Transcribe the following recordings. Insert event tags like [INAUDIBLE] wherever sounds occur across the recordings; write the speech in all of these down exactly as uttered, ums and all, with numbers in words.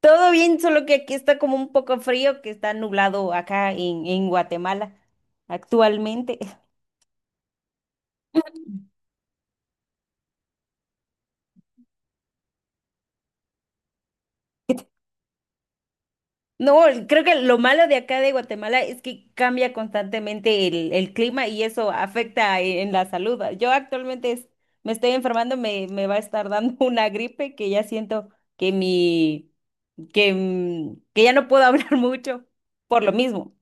Todo bien, solo que aquí está como un poco frío, que está nublado acá en, en Guatemala actualmente. [LAUGHS] No, creo que lo malo de acá de Guatemala es que cambia constantemente el, el clima y eso afecta e- en la salud. Yo actualmente es- me estoy enfermando, me, me va a estar dando [LAUGHS] una gripe que ya siento que mi, que, mm, que ya no puedo [LAUGHS] hablar mucho por lo mismo.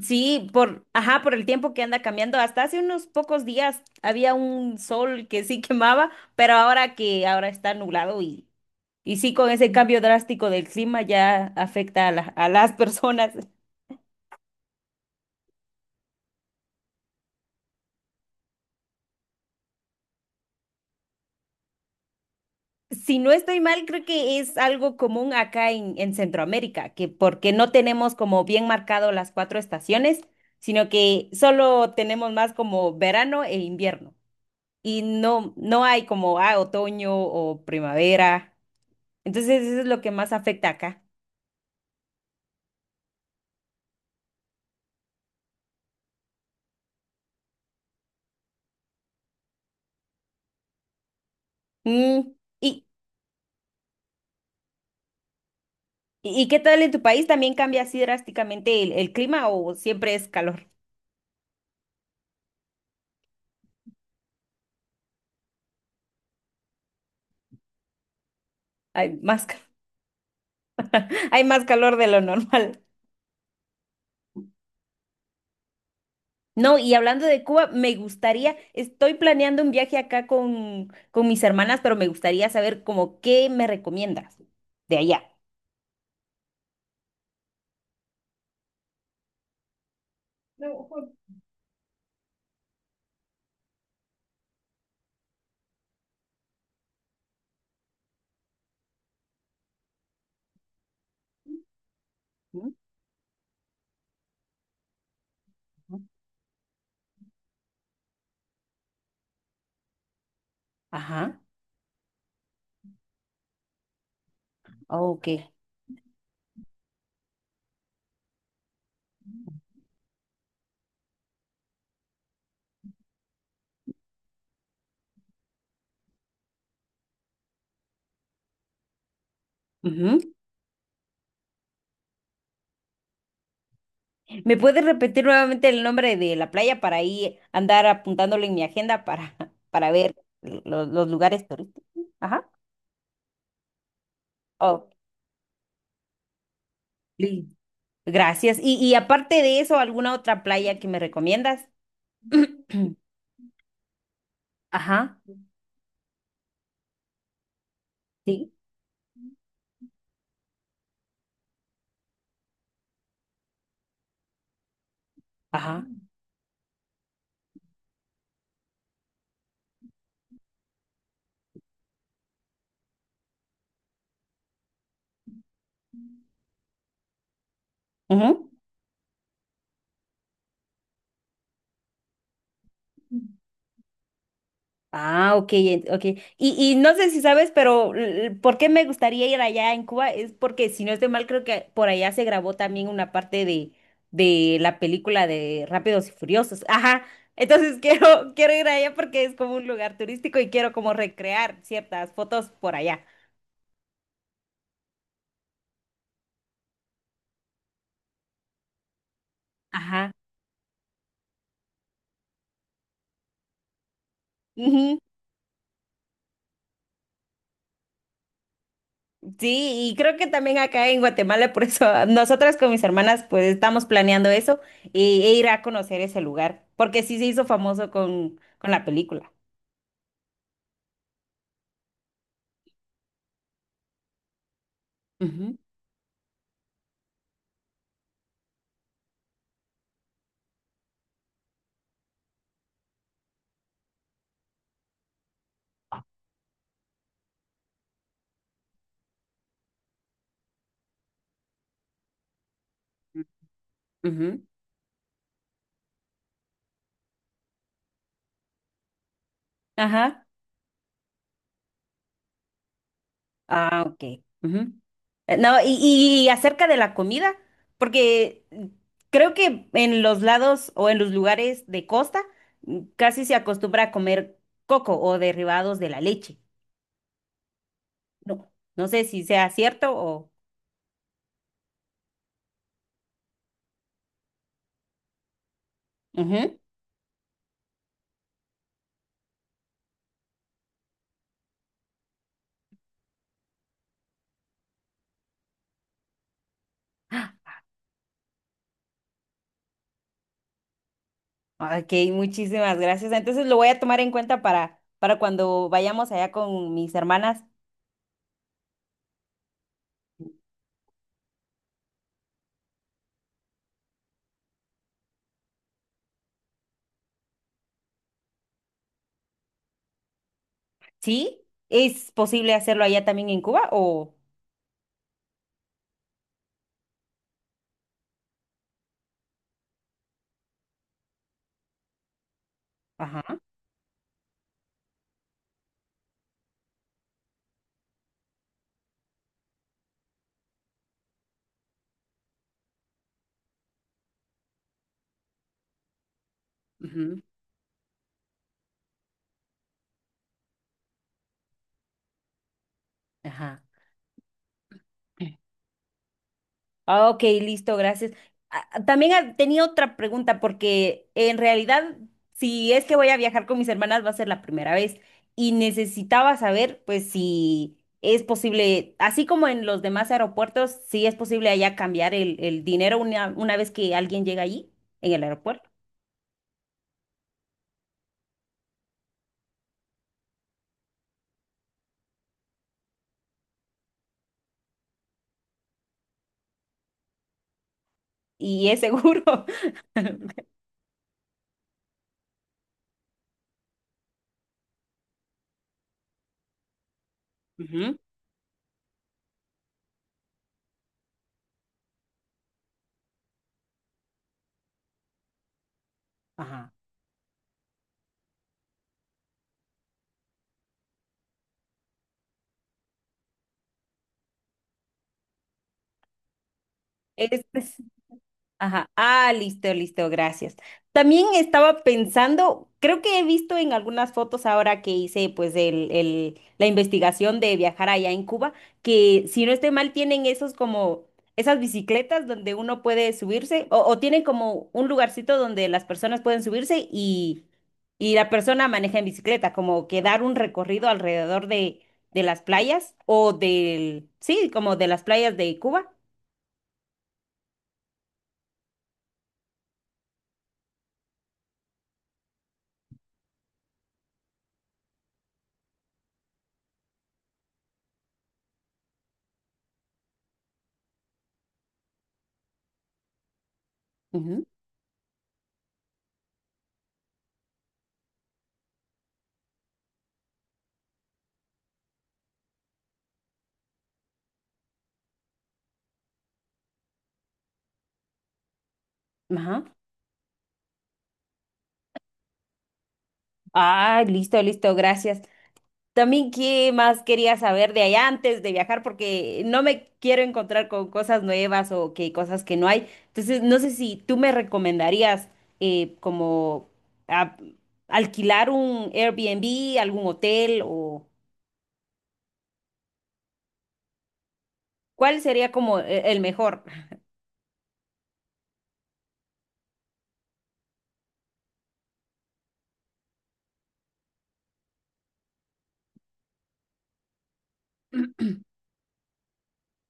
Sí, por, ajá, por el tiempo que anda cambiando. Hasta hace unos pocos días había un sol que sí [LAUGHS] quemaba, pero ahora que ahora está nublado y, y sí, con ese cambio drástico del clima ya afecta a, la- a las [LAUGHS] personas. Si no estoy mal, creo que es algo común acá en, en Centroamérica, que porque no tenemos como bien marcado las cuatro estaciones, sino que solo tenemos más como verano e invierno. Y no, no hay como ah, otoño o primavera. Entonces, eso es lo que más afecta acá. Mm. ¿Y, y qué tal en tu país? ¿También cambia así drásticamente el, el clima o siempre es calor? Hay más, ca- [LAUGHS] Hay más calor de lo normal. No, y hablando de Cuba, me gustaría, estoy planeando un viaje acá con, con mis hermanas, pero me gustaría saber como qué me recomiendas de allá. No, Juan. ¿Mm? Ajá. Ah, ok. ¿Me puedes repetir nuevamente el nombre de la playa para ahí andar apuntándolo en mi agenda para, [LAUGHS] para ver los, los lugares turísticos? Ajá. Oh, li- gracias. Y, y aparte de eso, ¿alguna otra playa que me recomiendas? [CLEARS THROAT] Ajá, sí, ajá. Ujú. Ah, ok, en- ok. Y, y no sé si sabes, pero l- ¿por qué me gustaría ir allá en Cuba? Es porque, si no estoy mal, creo que por allá se grabó también una parte de, de la película de Rápidos y Furiosos. Ajá. Entonces [LAUGHS] quiero, quiero ir allá porque es como un lugar turístico y quiero como recrear ciertas fotos por allá. Ajá. Ujú. Sí, y creo que también acá en Guatemala, por eso [LAUGHS] nosotras con mis hermanas pues estamos planeando eso e, e ir a conocer ese lugar, porque sí se hizo famoso con, con la película. Ujú, ujú. Ajá. Ah, ok. Ujú. Eh, No, y, y acerca de la comida, porque mm, creo que en los lados o en los lugares de costa mm, casi se acostumbra a comer coco o derivados de la leche. No, no sé si sea cierto o. Ujú. Ok, muchísimas gracias. Entonces lo voy a tomar en cuenta para, para cuando vayamos allá con mis hermanas. ¿Sí? ¿Es posible hacerlo allá también en Cuba o? Ajá. Ujú. Ajá. Ah, ok, listo, gracias. Ah, ah, También ah, tenía otra pregunta porque en realidad, si es que voy a viajar con mis hermanas, va a ser la primera vez y necesitaba saber, pues, si es posible, así como en los demás aeropuertos, si es posible allá cambiar el, el dinero una, una vez que alguien llega allí, en el aeropuerto, y es seguro. [LAUGHS] Ujú. Ajá. Es, Ajá. Ah, listo, listo, gracias. También estaba pensando, creo que he visto en algunas fotos ahora que hice pues el, el- la investigación de viajar allá en Cuba, que si no estoy mal tienen esos como esas bicicletas donde uno puede subirse o, o tienen como un lugarcito donde las personas pueden subirse y, y la persona maneja en bicicleta, como que dar un recorrido alrededor de, de las playas o del, sí, como de las playas de Cuba. Ujú. Ajá. Ah, listo, listo, gracias. También, ¿qué más quería saber de allá antes de viajar? Porque no me quiero encontrar con cosas nuevas o que cosas que no hay. Entonces, no sé si tú me recomendarías eh, como a- alquilar un Airbnb, algún hotel o cuál sería como e- el mejor.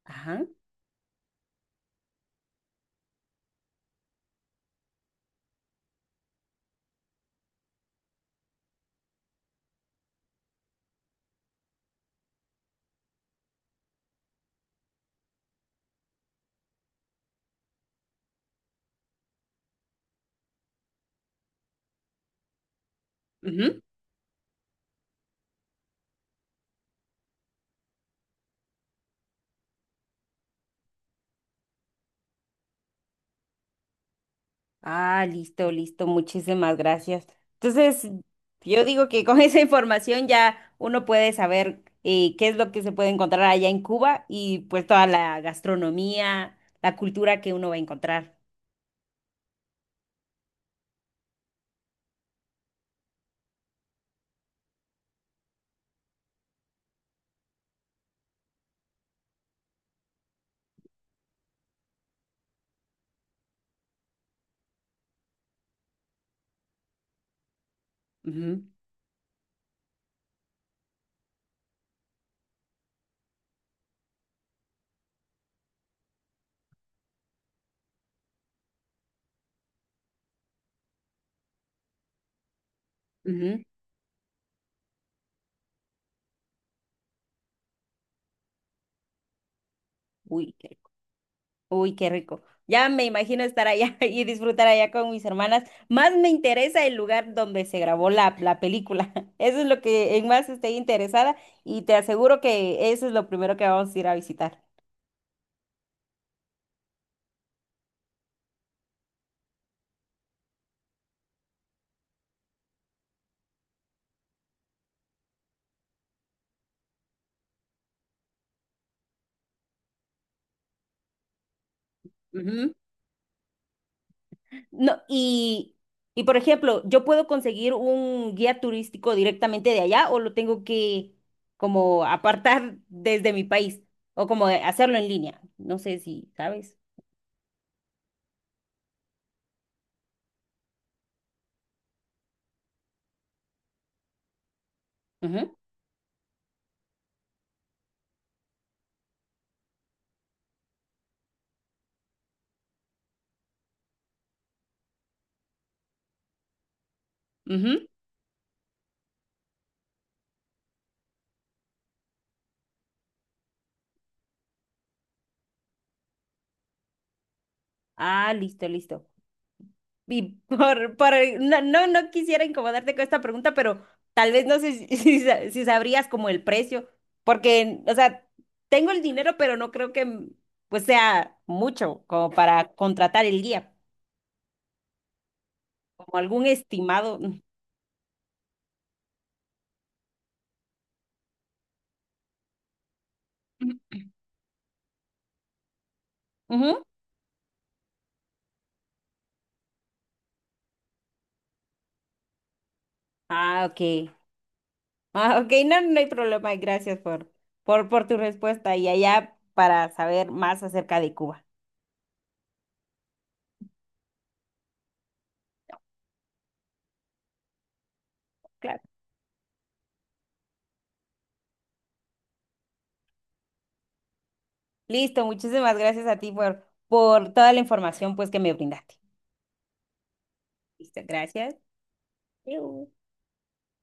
Ajá. Ah, listo, listo, muchísimas gracias. Entonces, yo digo que con [LAUGHS] esa información ya uno puede saber eh, qué es lo que se puede encontrar allá en Cuba y pues toda la gastronomía, la cultura que uno va a encontrar. Ujú, ujú. Uy, qué rico. Uy, qué rico. Ya me imagino estar allá [LAUGHS] y disfrutar allá con mis hermanas. Más me interesa el lugar donde se grabó la, la película. [LAUGHS] Eso es lo que en más estoy interesada y te aseguro que eso es lo primero que vamos a ir a visitar. Ujú. No, y, y por ejemplo, ¿yo puedo conseguir un guía turístico directamente de allá o lo tengo que como apartar [LAUGHS] desde mi país o como hacerlo en línea? No sé si sabes. Ujú, ujú. Ah, listo, listo. Y [LAUGHS] por, por- no, no, no quisiera incomodarte con esta pregunta, pero tal vez no sé si, [LAUGHS] si sa- si sabrías como el precio, porque, o sea, tengo el dinero, pero no creo que pues sea mucho como para contratar el guía. Como algún estimado. Ujú. Ujú. Ah, ok. Ah, ok, no, no hay problema. y Gracias por, por, por tu respuesta y allá para saber más acerca de Cuba. Claro. Listo, muchísimas gracias a ti por, por toda la información pues que me brindaste. Listo, gracias. Adiós.